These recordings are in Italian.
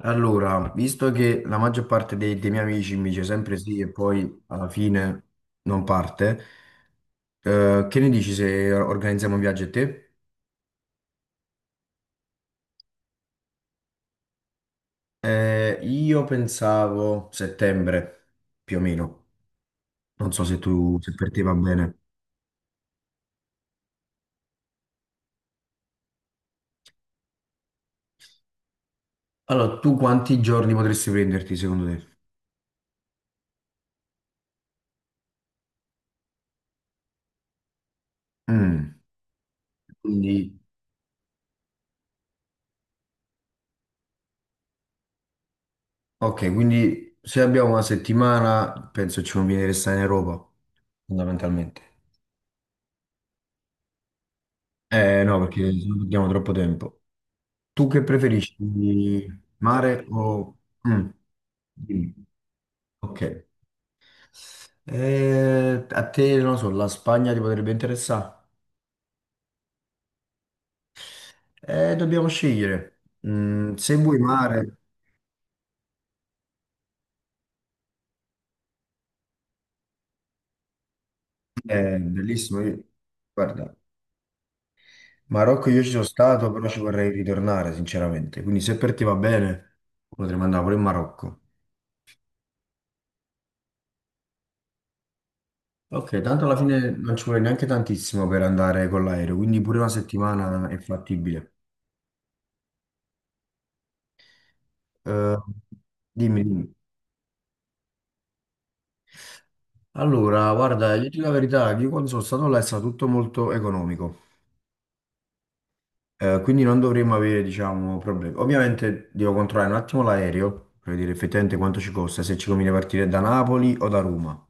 Allora, visto che la maggior parte dei miei amici mi dice sempre sì e poi alla fine non parte, che ne dici se organizziamo un viaggio a te? Io pensavo settembre, più o meno. Non so se tu, se per te va bene. Allora, tu quanti giorni potresti prenderti secondo te? Mm. Quindi, ok, quindi se abbiamo una settimana, penso ci conviene restare in Europa, fondamentalmente. Eh no, perché se no perdiamo troppo tempo. Tu che preferisci, mare o... mm, dimmi. Ok. A te, non lo so, la Spagna ti potrebbe interessare? Dobbiamo scegliere. Mm, se vuoi mare, è bellissimo. Guarda, Marocco io ci sono stato, però ci vorrei ritornare, sinceramente. Quindi se per te va bene, potremmo andare pure in Marocco. Ok, tanto alla fine non ci vuole neanche tantissimo per andare con l'aereo, quindi pure una settimana è fattibile. Eh, dimmi, dimmi. Allora, guarda, io dico la verità, io quando sono stato là è stato tutto molto economico. Quindi non dovremmo avere, diciamo, problemi. Ovviamente devo controllare un attimo l'aereo, per vedere effettivamente quanto ci costa, se ci conviene partire da Napoli o da Roma.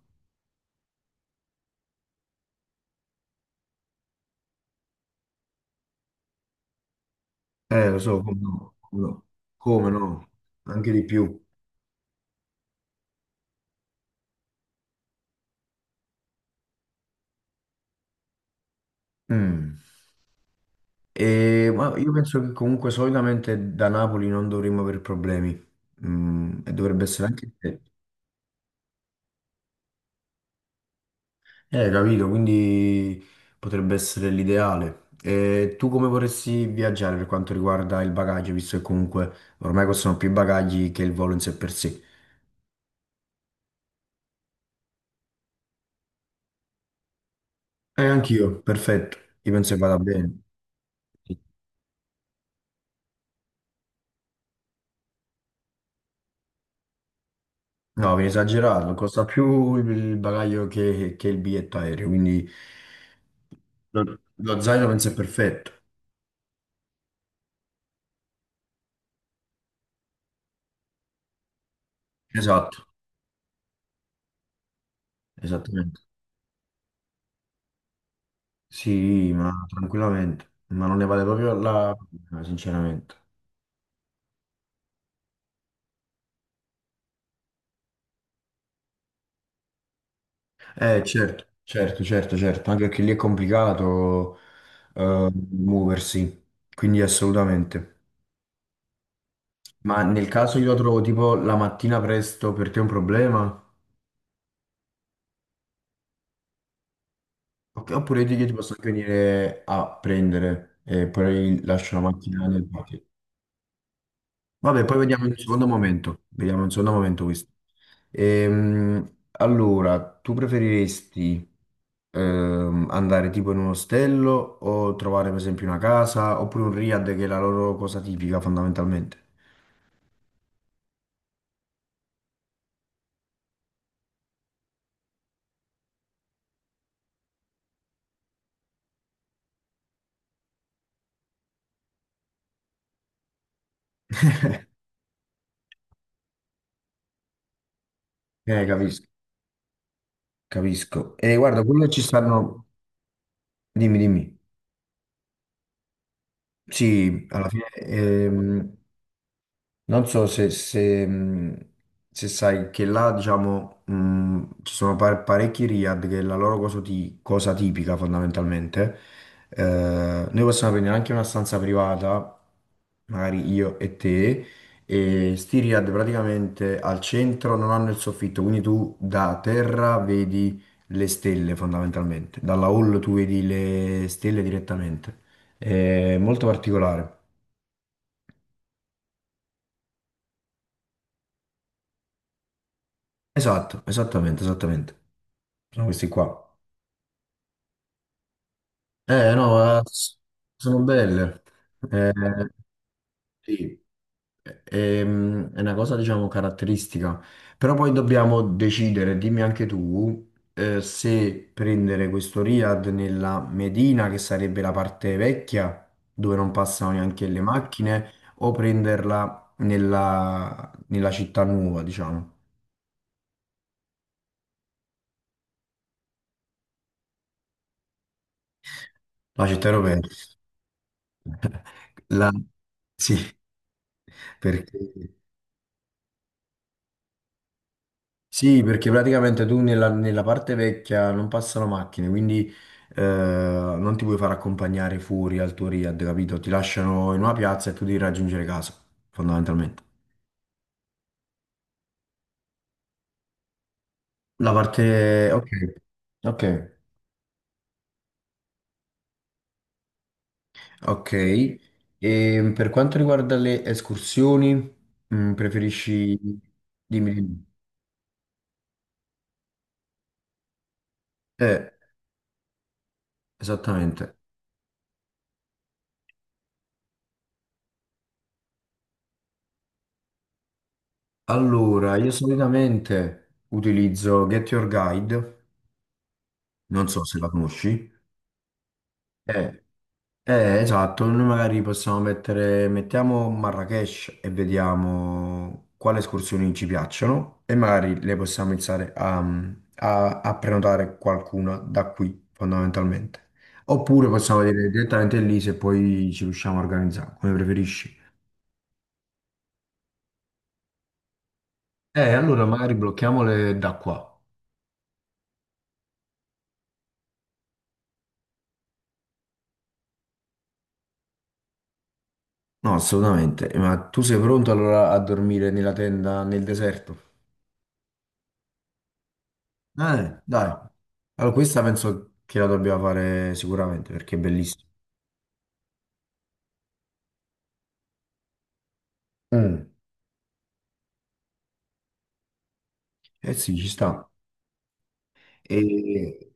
Lo so, come no, come no, come no, anche di più. Mm. E, ma io penso che comunque solitamente da Napoli non dovremmo avere problemi. Mm, e dovrebbe essere anche... capito, quindi potrebbe essere l'ideale. E tu come vorresti viaggiare per quanto riguarda il bagaglio, visto che comunque ormai costano più i bagagli che il volo in sé per sé? Anch'io, perfetto, io penso che vada bene. No, viene esagerato, costa più il bagaglio che il biglietto aereo, quindi lo zaino penso è perfetto. Esatto, esattamente. Sì, ma tranquillamente, ma non ne vale proprio la pena, sinceramente. Certo, certo, certo, certo, anche perché lì è complicato muoversi, quindi assolutamente. Ma nel caso io la trovo tipo la mattina presto, per te è un problema? Ok. Oppure io ti posso anche venire a prendere e poi lascio la macchina nel parcheggio. Vabbè, poi vediamo in un secondo momento. Vediamo in un secondo momento questo. Allora, tu preferiresti andare tipo in un ostello o trovare per esempio una casa oppure un riad che è la loro cosa tipica fondamentalmente? Capisco, capisco. E guarda, quello ci stanno... Dimmi, dimmi. Sì, alla fine non so se se sai che là, diciamo, ci sono parecchi riad che è la loro cosa, cosa tipica fondamentalmente. Noi possiamo prendere anche una stanza privata, magari io e te, e sti riad praticamente al centro non hanno il soffitto, quindi tu da terra vedi le stelle fondamentalmente, dalla hall tu vedi le stelle direttamente. È molto particolare. Esatto, esattamente, esattamente. Sono questi qua. No, s- sono belle. Eh, sì, è una cosa, diciamo, caratteristica. Però poi dobbiamo decidere, dimmi anche tu, se prendere questo Riad nella Medina, che sarebbe la parte vecchia, dove non passano neanche le macchine, o prenderla nella città nuova, diciamo, la città europea. La- Sì, perché... Sì, perché praticamente tu nella parte vecchia non passano macchine, quindi non ti puoi far accompagnare fuori al tuo Riad, capito? Ti lasciano in una piazza e tu devi raggiungere casa, fondamentalmente. La parte... Ok, ok, ok. E per quanto riguarda le escursioni, mm, preferisci... Dimmi, dimmi. Eh, esattamente. Allora, io solitamente utilizzo Get Your Guide, non so se la conosci. Eh, esatto, noi magari possiamo mettere, mettiamo Marrakesh e vediamo quali escursioni ci piacciono e magari le possiamo iniziare a prenotare qualcuna da qui, fondamentalmente. Oppure possiamo vedere direttamente lì se poi ci riusciamo a organizzare, come preferisci. Allora magari blocchiamole da qua. No, assolutamente, ma tu sei pronto allora a dormire nella tenda nel deserto? Dai. Allora, questa penso che la dobbiamo fare sicuramente perché è bellissima. Mm, eh sì, ci sta. E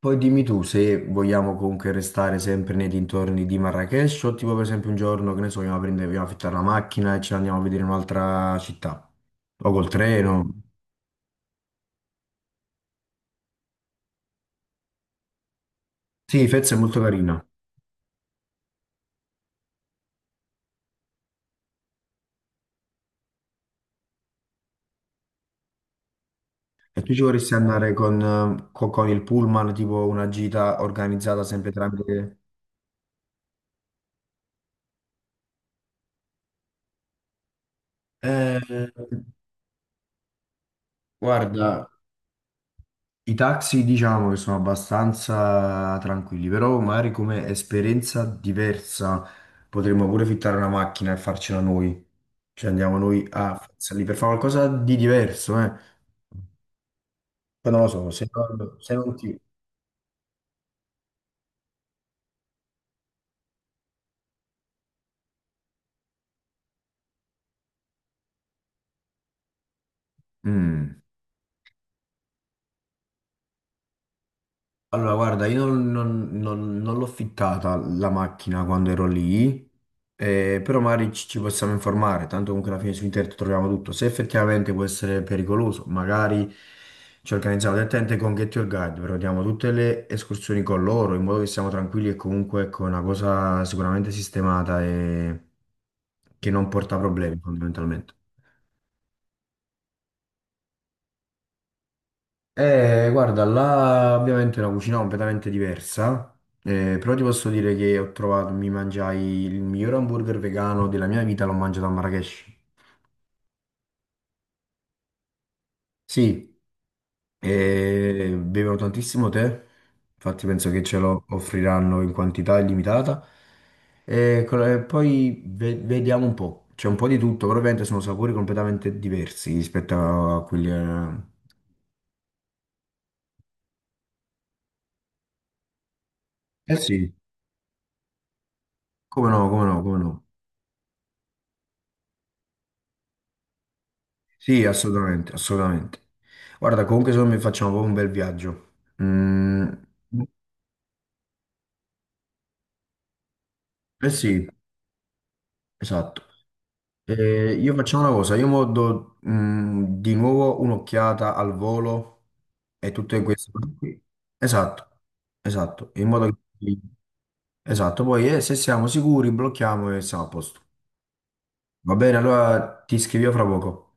poi dimmi tu se vogliamo comunque restare sempre nei dintorni di Marrakech o tipo per esempio un giorno, che ne so, andiamo a prendere, vogliamo affittare una macchina e ce ne andiamo a vedere un'altra città. O col treno. Sì, Fez è molto carina. E tu ci vorresti andare con, con il pullman, tipo una gita organizzata sempre tramite... Eh, guarda, i taxi diciamo che sono abbastanza tranquilli, però magari come esperienza diversa potremmo pure fittare una macchina e farcela noi. Cioè andiamo noi a farcela lì per fare qualcosa di diverso, eh. Poi non lo so, se non ti... Mm. Allora, guarda, io non l'ho fittata la macchina quando ero lì, però magari ci possiamo informare, tanto comunque alla fine su internet troviamo tutto. Se effettivamente può essere pericoloso, magari ci organizziamo direttamente con Get Your Guide, prenotiamo tutte le escursioni con loro, in modo che siamo tranquilli e comunque ecco, è una cosa sicuramente sistemata e che non porta problemi fondamentalmente. Guarda, là ovviamente è una cucina completamente diversa, però ti posso dire che ho trovato, mi mangiai il miglior hamburger vegano della mia vita, l'ho mangiato a Marrakech. Sì, bevono tantissimo tè, infatti penso che ce lo offriranno in quantità illimitata. E poi vediamo un po', c'è un po' di tutto, però ovviamente sono sapori completamente diversi rispetto a quelli... eh sì, come no, come no, come no. Sì, assolutamente, assolutamente. Guarda, comunque secondo me facciamo proprio un bel viaggio. Mm, eh sì, esatto. Io facciamo una cosa, io mo do mm, di nuovo un'occhiata al volo e tutte queste cose qui. Esatto, esatto, in modo che... Esatto, poi se siamo sicuri blocchiamo e siamo a posto. Va bene, allora ti scrivo fra poco.